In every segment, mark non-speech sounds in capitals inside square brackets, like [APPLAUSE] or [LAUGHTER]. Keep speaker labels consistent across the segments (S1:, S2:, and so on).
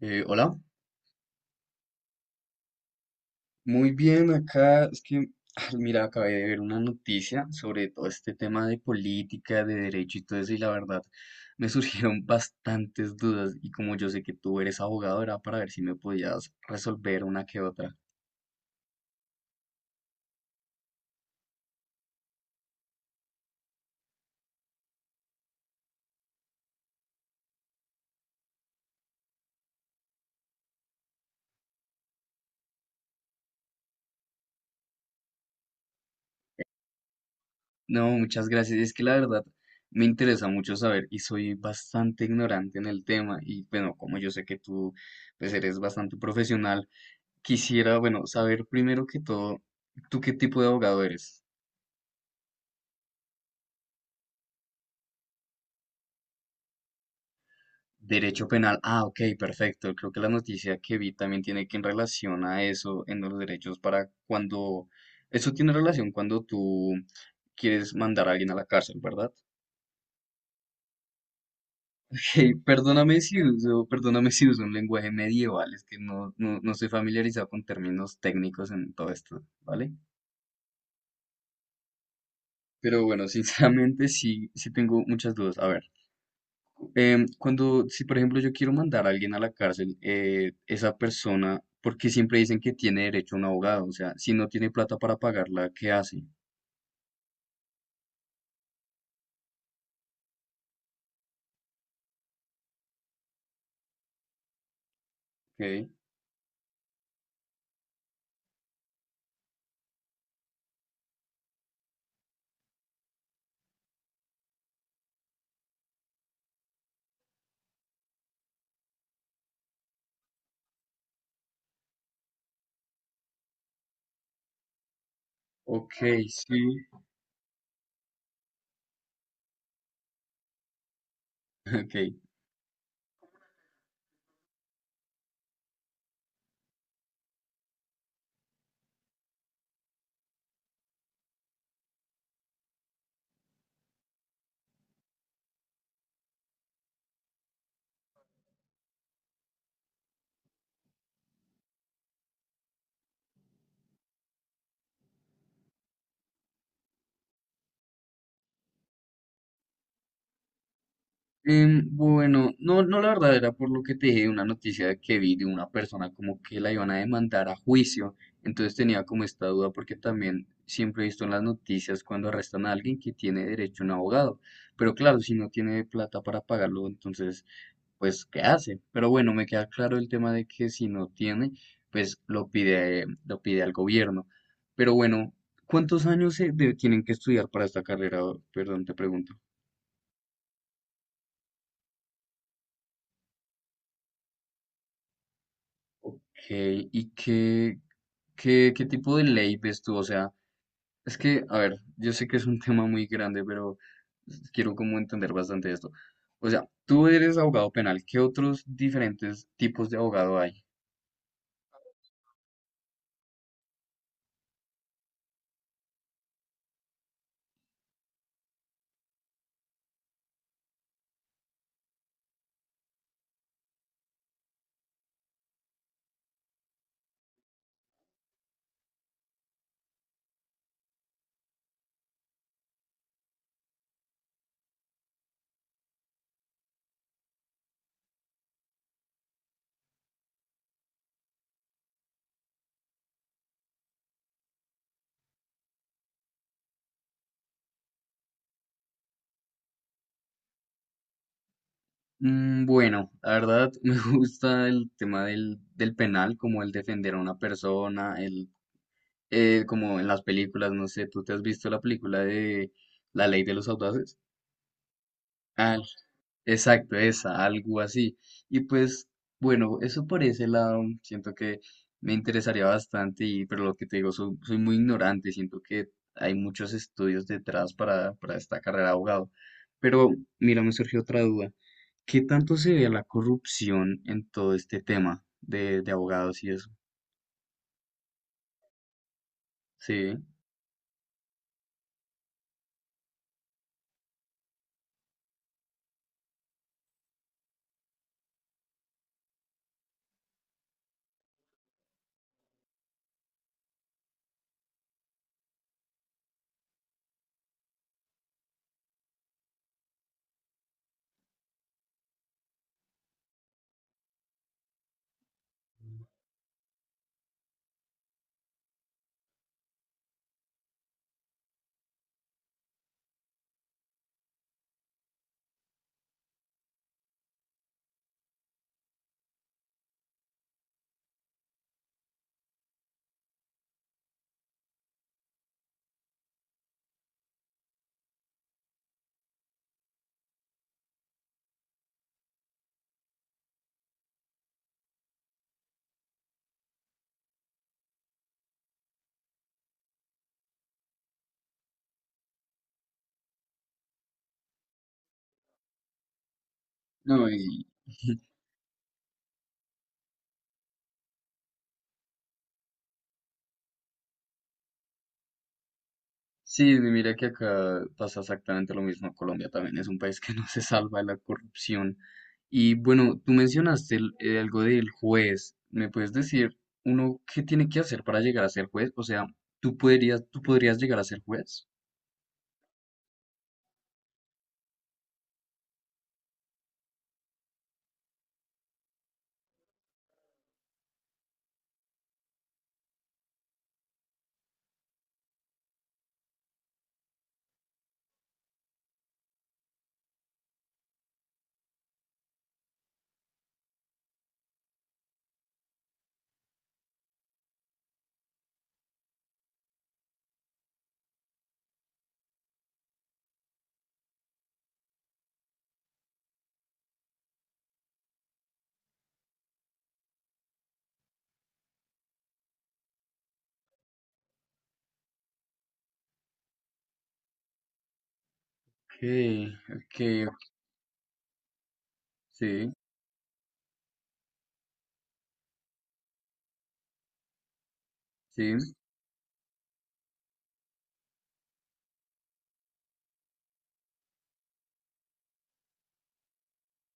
S1: Hola, muy bien acá. Es que, [SIGHS] mira, acabé de ver una noticia sobre todo este tema de política, de derecho y todo eso, y la verdad me [LAUGHS] surgieron bastantes dudas. Y como yo sé que tú eres abogado, era para ver si me podías resolver una que otra. No, muchas gracias. Es que la verdad me interesa mucho saber y soy bastante ignorante en el tema. Y bueno, como yo sé que tú pues eres bastante profesional, quisiera, bueno, saber primero que todo, ¿tú qué tipo de abogado eres? Derecho penal. Ah, ok, perfecto. Creo que la noticia que vi también tiene que en relación a eso, en los derechos para cuando... Eso tiene relación cuando tú quieres mandar a alguien a la cárcel, ¿verdad? [LAUGHS] Ok, perdóname si uso un lenguaje medieval, es que no estoy familiarizado con términos técnicos en todo esto, ¿vale? Pero bueno, [LAUGHS] sinceramente sí, sí tengo muchas dudas. A ver. Cuando, si por ejemplo yo quiero mandar a alguien a la cárcel, esa persona, porque siempre dicen que tiene derecho a un abogado, o sea, si no tiene plata para pagarla, ¿qué hace? Ok, ok, sí, [LAUGHS] ok. Bueno, no, no la verdad era por lo que te dije, una noticia que vi de una persona como que la iban a demandar a juicio, entonces tenía como esta duda porque también siempre he visto en las noticias cuando arrestan a alguien que tiene derecho a un abogado, pero claro, si no tiene plata para pagarlo, entonces, pues, ¿qué hace? Pero bueno, me queda claro el tema de que si no tiene, pues lo pide al gobierno. Pero bueno, ¿cuántos años se de- tienen que estudiar para esta carrera? Perdón, te pregunto. Ok, ¿y qué, qué tipo de ley ves tú? O sea, es que, a ver, yo sé que es un [LAUGHS] tema muy grande, pero quiero como entender bastante esto. O sea, tú eres abogado penal, ¿qué otros diferentes tipos de abogado hay? Mm, bueno, la verdad [LAUGHS] me gusta el tema del penal, como el defender a una persona, el, como en las películas, no sé, ¿tú te has visto la película de La Ley de los Audaces? Ah, exacto, esa, algo así. Y pues, bueno, eso por ese lado, siento que me interesaría bastante, y, pero lo que te digo, soy, soy muy ignorante, siento que hay muchos estudios detrás para esta carrera de abogado. Pero, mira, me surgió otra duda. ¿Qué tanto se ve la corrupción en todo este tema de abogados y eso? Sí. No, y, [LAUGHS] sí, mira que acá pasa exactamente lo mismo. Colombia también es un país que [LAUGHS] no se salva de la corrupción. Y bueno, tú mencionaste el- algo del juez. ¿Me puedes decir uno qué tiene que hacer para llegar a ser juez? O sea, tú podrías llegar a ser juez? Ok, ok, sí, sí,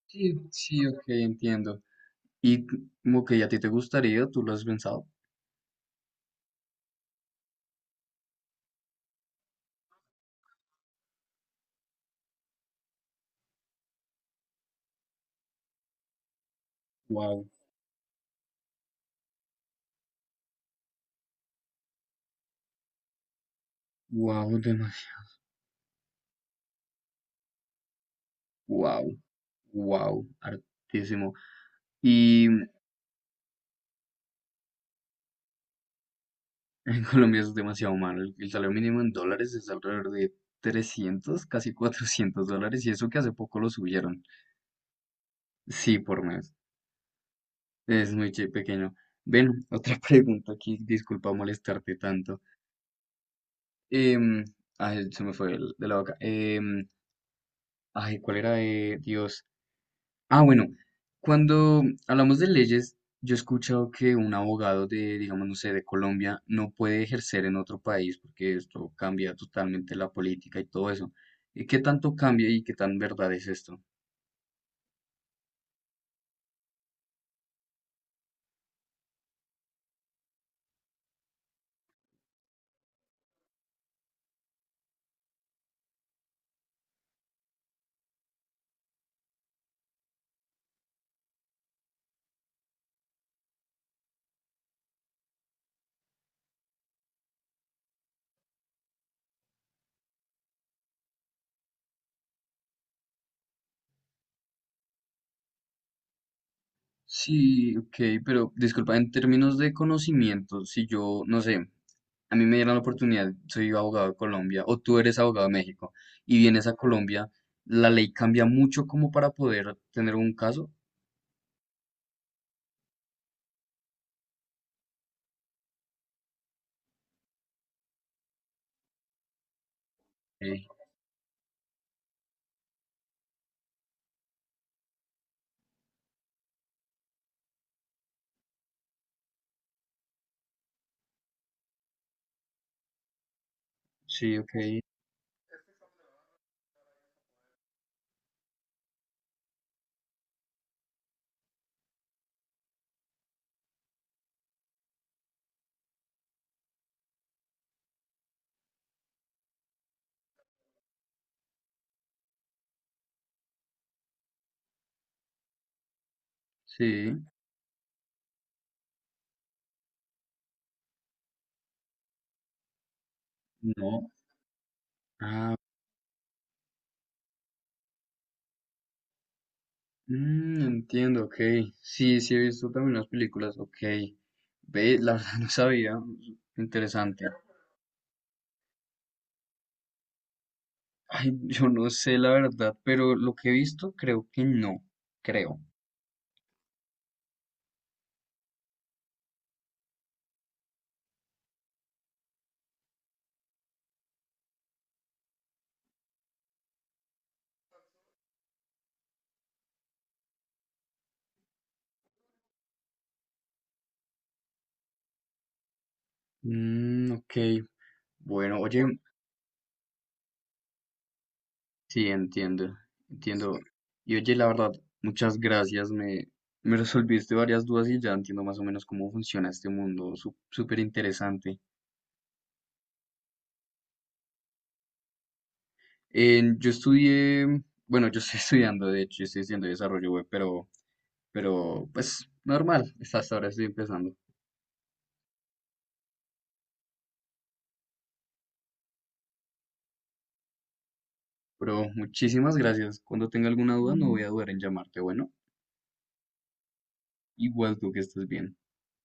S1: sí, sí, ok, entiendo. Y como que a ti te gustaría, ¿tú lo has pensado? Wow, wow, demasiado. Wow, wow, hartísimo. Y En Colombia es demasiado malo. El salario mínimo en dólares es alrededor de 300, casi 400 dólares, y eso que hace poco lo subieron. Sí, por mes. Es muy che- pequeño. Ven, [LAUGHS] otra pregunta aquí. Disculpa molestarte tanto. Em, ay, se me fue el- de la boca. Ay, ¿cuál era de Dios? Ah, bueno, cuando hablamos de leyes, yo he escuchado que un abogado de, digamos, no sé, de Colombia no puede ejercer en otro país porque esto cambia totalmente la política y todo eso. ¿Y qué tanto cambia y qué tan verdad es esto? Sí, ok, pero disculpa, en términos de conocimiento, si yo, no sé, a mí me dieran la oportunidad, soy abogado de Colombia o tú eres abogado de México y vienes a Colombia, ¿la ley cambia mucho como para poder tener un caso? Ok, sí, ok, sí. No. Ah, mm, entiendo, ok. Sí, sí he visto también las películas, ok. Ve, la verdad [LAUGHS] no sabía. Interesante. Ay, yo no sé la verdad, pero lo que he visto creo que no. Creo. Mm, ok. Bueno, oye, sí, entiendo. Entiendo. Y oye, la verdad, muchas gracias. Me resolviste varias dudas y ya entiendo más o menos cómo funciona este mundo. Súper interesante. En- yo estudié, bueno, yo estoy [LAUGHS] estudiando, de hecho, yo estoy estudiando desarrollo web, pero pues normal, hasta hasta ahora estoy empezando. Pero muchísimas gracias. Cuando tenga alguna duda, no voy a dudar en llamarte. Bueno, igual tú que estés bien.